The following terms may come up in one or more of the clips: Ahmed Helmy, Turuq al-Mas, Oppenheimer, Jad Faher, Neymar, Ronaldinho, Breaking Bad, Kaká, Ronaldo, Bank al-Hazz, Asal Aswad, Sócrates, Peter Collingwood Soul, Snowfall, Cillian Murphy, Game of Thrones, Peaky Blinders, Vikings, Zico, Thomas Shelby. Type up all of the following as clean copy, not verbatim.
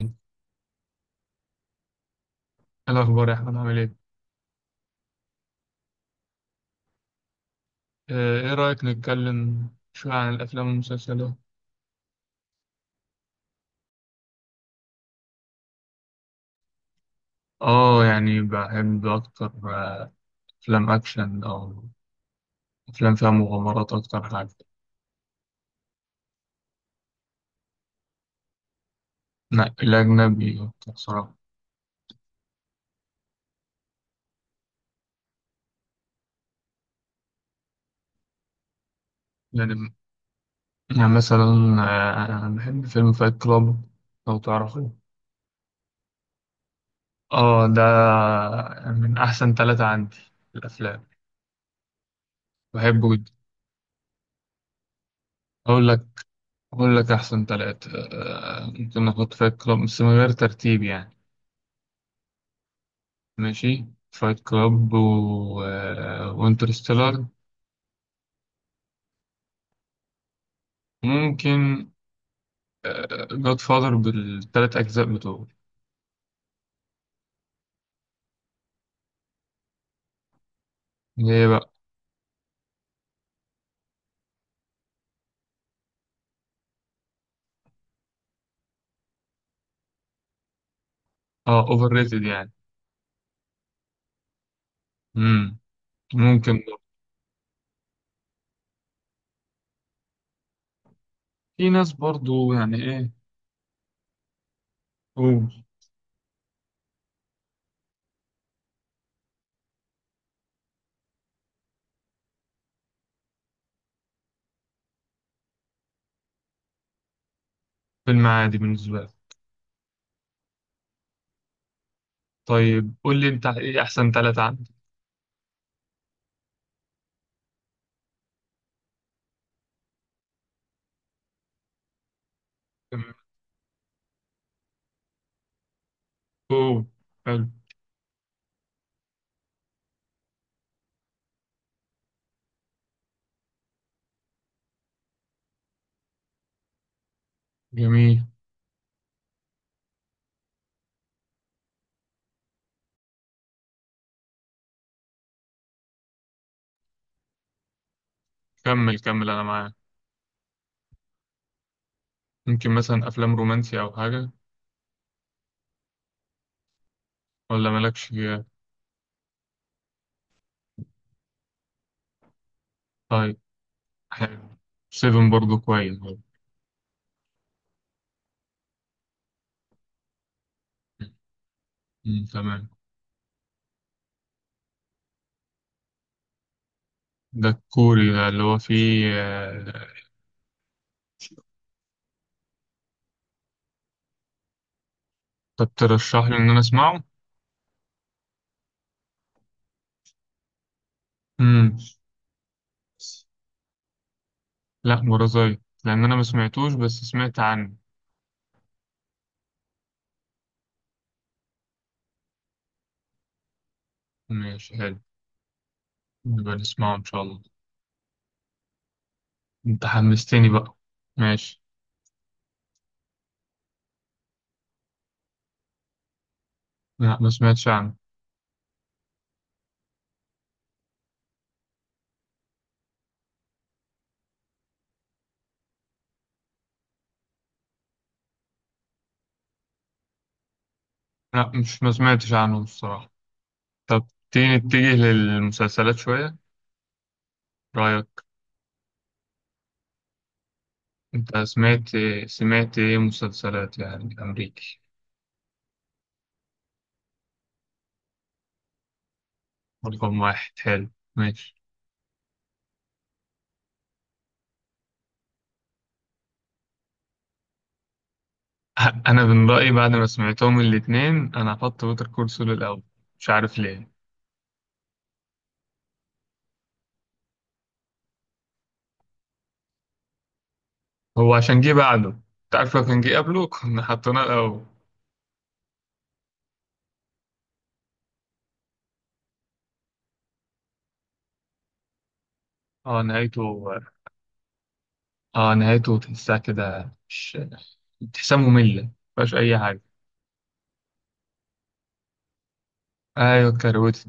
إيه الأخبار يا أحمد، عامل إيه؟ إيه رأيك نتكلم شوية عن الأفلام والمسلسلات؟ اه يعني بحب اكتر، افلام اكشن او افلام فيها مغامرات، اكتر حاجه لا الاجنبي اكتر صراحه. يعني يعني مثلا أنا بحب فيلم فايت كلاب، لو تعرفه. اه ده من احسن ثلاثة عندي في الافلام، بحبه جدا. اقول لك اقول لك احسن ثلاثة. ممكن نحط فايت كلاب بس من غير ترتيب يعني. ماشي، فايت كلاب و... وانترستيلر. ممكن جاد فاذر بالتلات أجزاء بتوعه. اللي هي بقى اه اوفر ريتد يعني. مم. ممكن برضه. في ناس برضو يعني، ايه، قول. فيلم عادي بالنسبة لي. طيب قول لي انت، ايه أحسن تلاتة عندك؟ اوه، حلو، جميل. كمل كمل، أنا معاك. ممكن مثلا أفلام رومانسي أو حاجة، ولا مالكش فيها؟ طيب، حلو. سيفن برضو كويس برضو. مم. تمام. ده الكوري، ده اللي هو فيه طب ترشح لي إن أنا أسمعه؟ مم. لأ، مرازاي، لأن أنا ما سمعتوش بس سمعت عنه. ماشي، حلو، نبقى نسمعه إن شاء الله. أنت حمستني بقى. ماشي. لأ، ما سمعتش عنه. لأ، مش ما سمعتش عنه الصراحة. طب تيجي نتجه للمسلسلات شوية، رأيك؟ أنت سمعت إيه مسلسلات يعني أمريكي؟ رقم واحد، حلو، ماشي. انا من رايي، بعد ما سمعتهم الاتنين، انا هحط بيتر كول سول الاول. مش عارف ليه. هو عشان جه بعده. تعرف، لو كان جه قبله كنا حطيناه الاول. اه نهايته. اه نهايته، تحسها كده، مش تحسها ممله. مفيهاش اي حاجه. ايوه، كروت.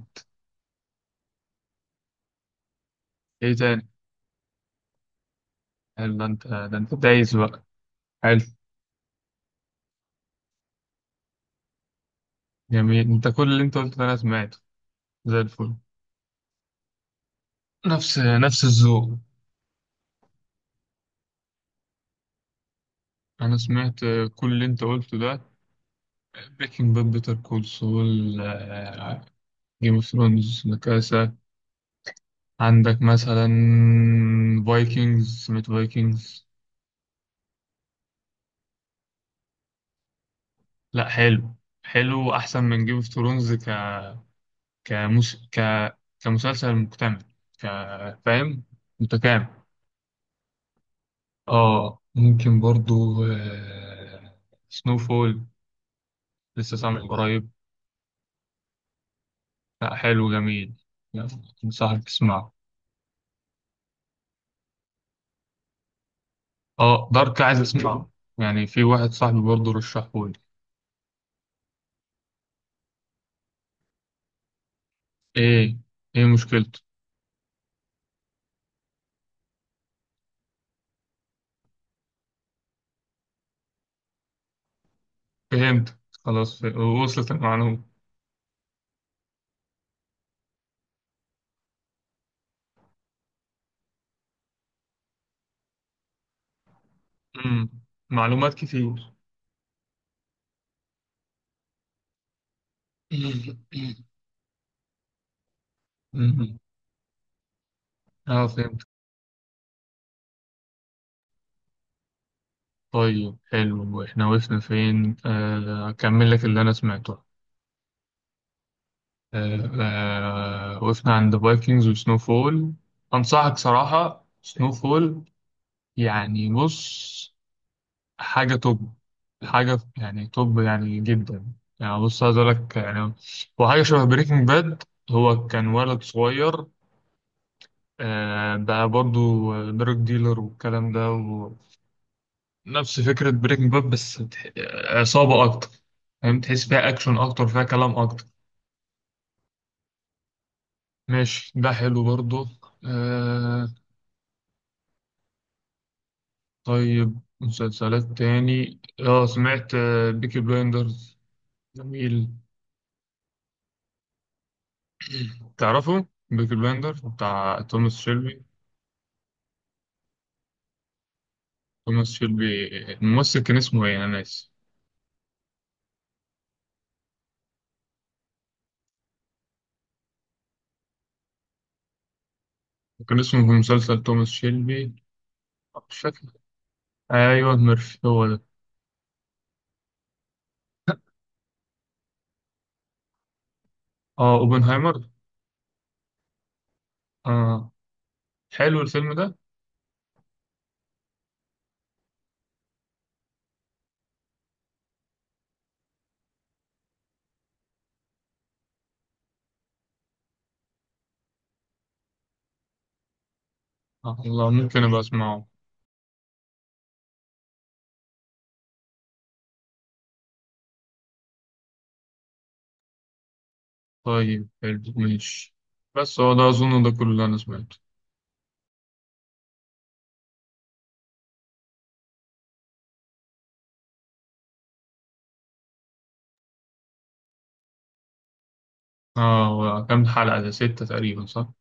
ايه تاني؟ حلو ده، انت دايس بقى، حلو. جميل، انت كل اللي انت قلته ده انا سمعته، زي الفل. نفس الذوق. انا سمعت كل اللي انت قلته ده: بريكنج باد، بيتر كول سول، جيم اوف ثرونز نكاسة. عندك مثلا فايكنجز، سمعت فايكنجز؟ لا حلو، حلو أحسن من جيم اوف ثرونز ك كمس... ك كمسلسل مكتمل، ك فاهم، متكامل. اه ممكن برضو سنو فول، لسه سامع قريب. لا، حلو، جميل يعني، انصحك تسمعه. اه دارك، عايز اسمعه يعني، في واحد صاحبي برضو رشحهولي. ايه ايه مشكلته؟ فهمت، خلاص، وصلت المعلومة. مم. معلومات كتير. مم. اه فهمت. طيب، حلو، احنا وقفنا فين؟ اكمل لك اللي انا سمعته. آه، وقفنا عند فايكنجز وسنو فول. انصحك صراحة سنو فول، يعني بص، حاجة توب، حاجة يعني توب يعني جدا. يعني بص، عايز اقول لك يعني، هو حاجة شبه بريكنج باد. هو كان ولد صغير، ده برضو دراج ديلر والكلام ده. ونفس فكرة بريكنج باد بس عصابة أكتر، فاهم، تحس فيها أكشن أكتر، فيها كلام أكتر. ماشي، ده حلو برضو آه طيب، مسلسلات تاني، سمعت بيكي بلايندرز؟ جميل. تعرفه بيكي بلايندرز بتاع توماس شيلبي؟ توماس شيلبي، الممثل كان اسمه ايه، انا ناسي. كان اسمه في مسلسل توماس شيلبي، مش فاكر. ايوه، ميرفي، هو ده. اه اوبنهايمر. آه حلو الفيلم ده؟ الله، ممكن أبقى أسمعه. طيب، حلو، ماشي. بس هو ده أظن ده كل اللي أنا سمعته. هو كام حلقة ده، ستة تقريبا، صح؟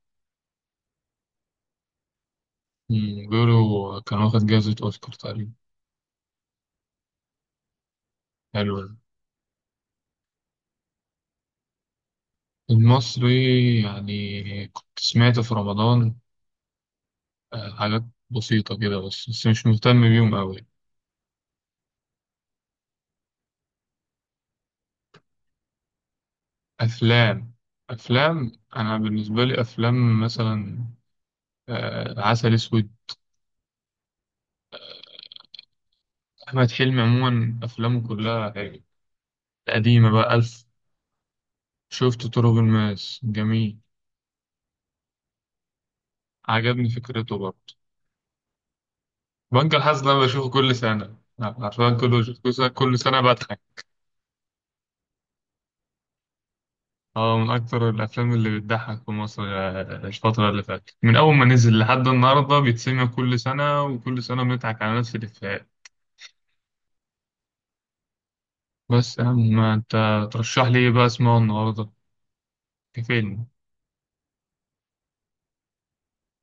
بيقولوا كان واخد جائزة أوسكار تقريبا. حلو ده. المصري يعني كنت سمعت في رمضان حاجات بسيطة كده، بس مش مهتم بيهم أوي. أفلام أفلام أنا بالنسبة لي، أفلام مثلا عسل أسود. أحمد حلمي عموما أفلامه كلها حلوة، القديمة بقى ألف. شفت طرق الماس، جميل. عجبني فكرته برضه. بنك الحظ ده بشوفه كل سنة، عارفين، كل سنة كل سنة بضحك. اه من أكتر الأفلام اللي بتضحك في مصر، الفترة اللي فاتت، من أول ما نزل لحد النهاردة بيتسمع كل سنة، وكل سنة بنضحك على نفس الإفيهات. بس يا عم، ما أنت ترشح لي إيه بقى أسمعه النهاردة كفيلم؟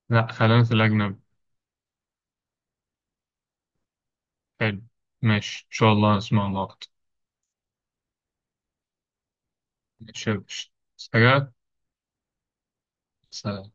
لأ، خلينا في الأجنبي. حلو، ماشي، إن شاء الله نسمعه النهاردة. ماشي يا باشا، سلام، سلام.